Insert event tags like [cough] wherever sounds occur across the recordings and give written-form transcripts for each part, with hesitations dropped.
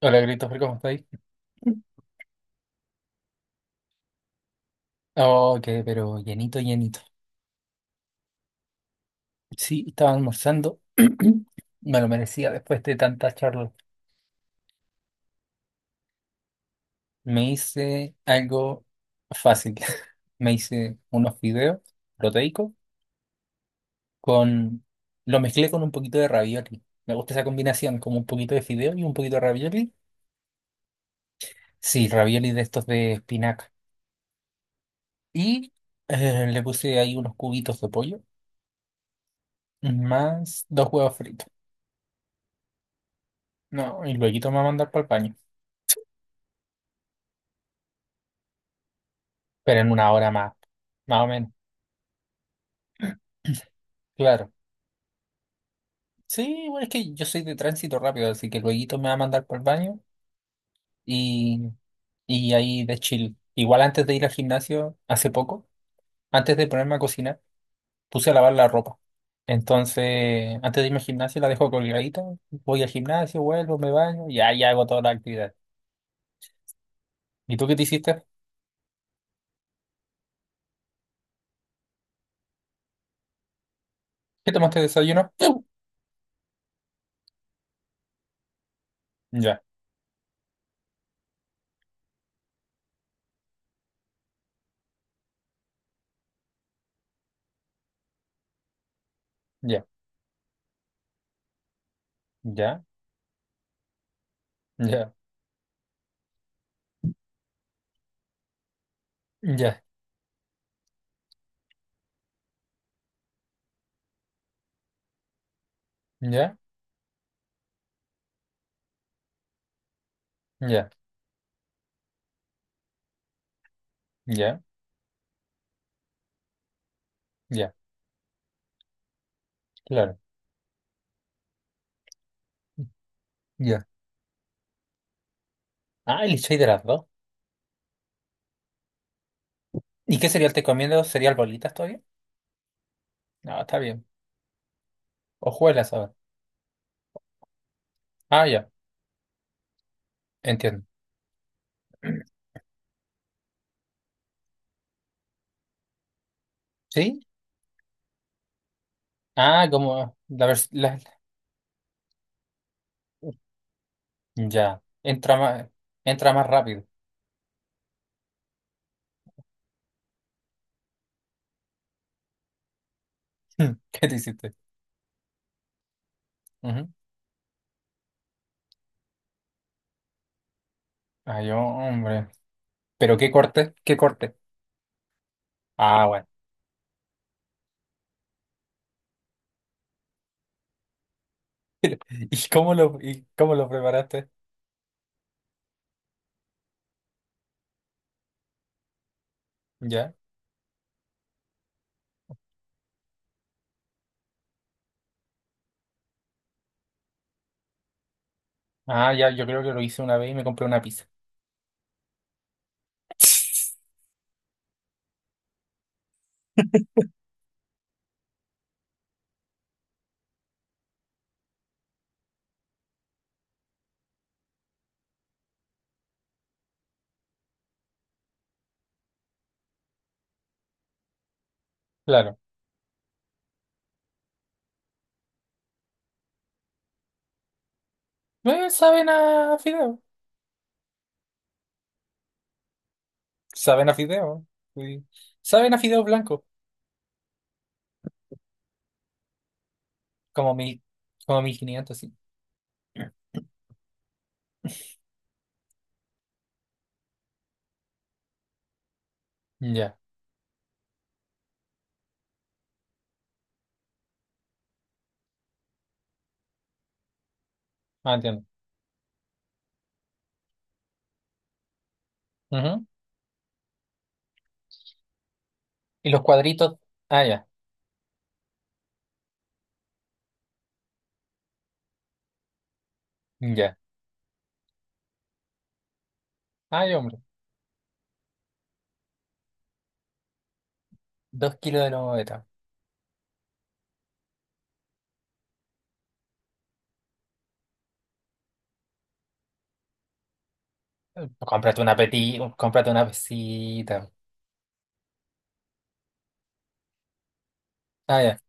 Hola, Christopher, ¿cómo estáis? Ok, pero llenito, llenito. Sí, estaba almorzando. [clears throat] Me lo merecía después de tanta charla. Me hice algo fácil. [laughs] Me hice unos fideos proteicos con. Lo mezclé con un poquito de ravioli. Me gusta esa combinación, como un poquito de fideo y un poquito de ravioli. Sí, ravioli de estos de espinaca. Y le puse ahí unos cubitos de pollo, más dos huevos fritos. No, y luego me va a mandar para el paño. Pero en una hora más, más o menos, claro. Sí, bueno, es que yo soy de tránsito rápido, así que luego me va a mandar por el baño y, y ahí de chill. Igual antes de ir al gimnasio, hace poco, antes de ponerme a cocinar, puse a lavar la ropa. Entonces, antes de irme al gimnasio la dejo colgadita, voy al gimnasio, vuelvo, me baño y ahí hago toda la actividad. ¿Y tú qué te hiciste? ¿Qué tomaste de desayuno? Ya, ya, ya, ya, ya, ya, ya, ya, ya, claro. Ya. Ah, el chai de las dos. ¿Y qué cereal te comiendo? ¿Cereal bolitas todavía? No, está bien. Hojuelas ahora. Ah, ya, entiendo. [clears throat] ¿Sí? Ah, como la vers- la- ya. Entra más rápido. [laughs] ¿Qué te hiciste? Ujú. Ay, hombre. ¿Pero qué corte? ¿Qué corte? Ah, bueno. [laughs] ¿Y cómo lo preparaste? Ya. Ah, ya, yo creo que lo hice una vez y me compré una pizza. [laughs] Claro. Saben a fideo. Saben a fideo. Sí. Saben a fideo blanco. Como mil, como 1500, sí. Ya, ah, entiendo. Ujú. Y los cuadritos, ah, ya, ya. Ay, hombre, 2 kilos de lomo beta. Cómprate una pesita. Ah, ya,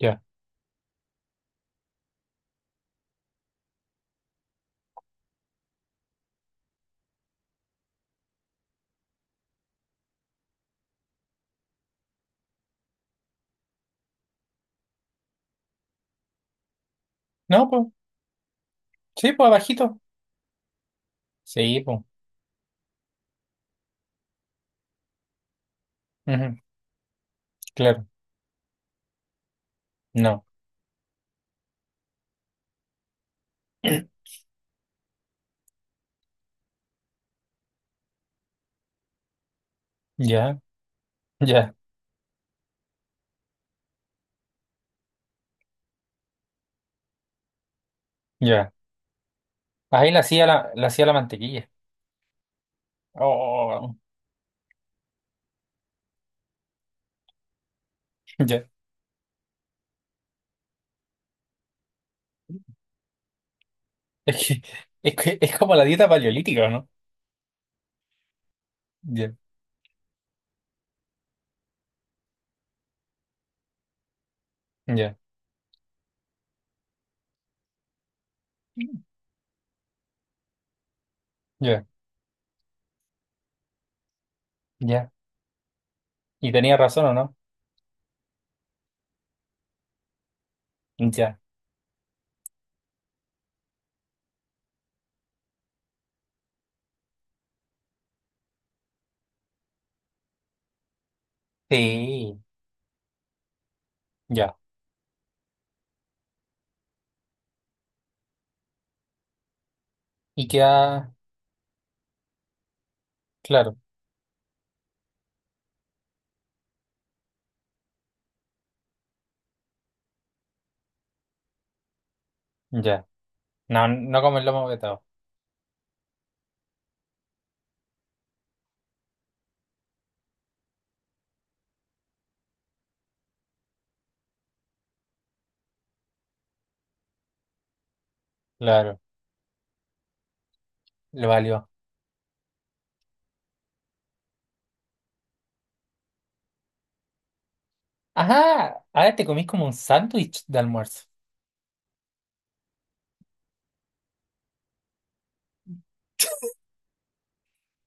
ya. No, pues, sí, pues, abajito. Sí, pues, ujú, claro, no, ya, ya, ya. Ahí la hacía la mantequilla. Oh, ya. Es que, es como la dieta paleolítica, ¿o no? Ya, ya, ya, ya. Y tenía razón, ¿o no? Ya. Sí, ya. Y queda, claro, ya. No, no como el lomo vetado. Claro, le valió. Ajá, ahora te comís como un sándwich de almuerzo.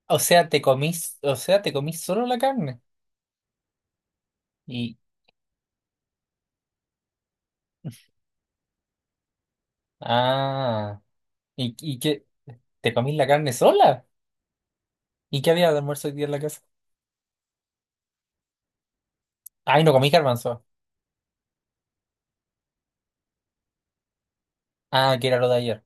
O sea, o sea, te comís solo la carne. Y, ah, y qué, te comís la carne sola. ¿Y qué había de almuerzo hoy día en la casa? Ay, no comí garbanzo. Ah, que era lo de ayer.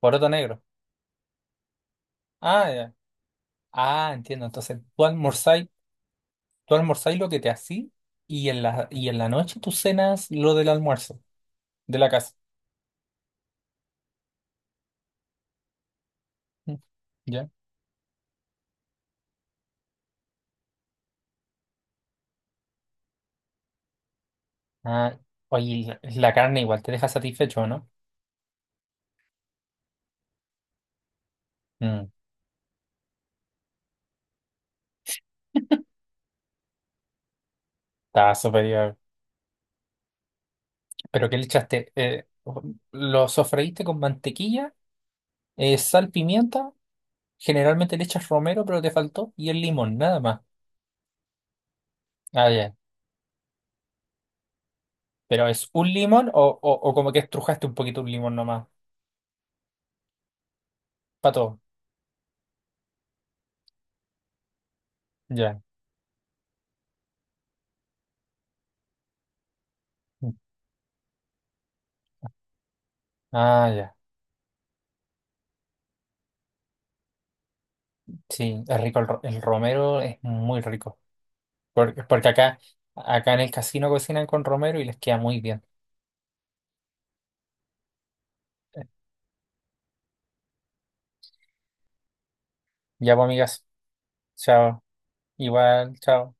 Poroto negro. Ah, ya. Ah, entiendo. Entonces, tú almorzáis lo que te hacís y en la noche tú cenas lo del almuerzo de la casa. Mm, ya. Ah, oye, la carne igual te deja satisfecho, ¿no? Mm, está superior. ¿Pero qué le echaste? ¿Lo sofreíste con mantequilla, sal, pimienta? Generalmente le echas romero, pero te faltó. Y el limón, nada más. Ah, ya. ¿Pero es un limón o, como que estrujaste un poquito un limón nomás? Para todo. Ya. Mm. Ah, ya. Sí, es rico el romero, es muy rico. Porque acá, acá en el casino cocinan con romero y les queda muy bien. Ya, pues, amigas. Chao. Igual, chao.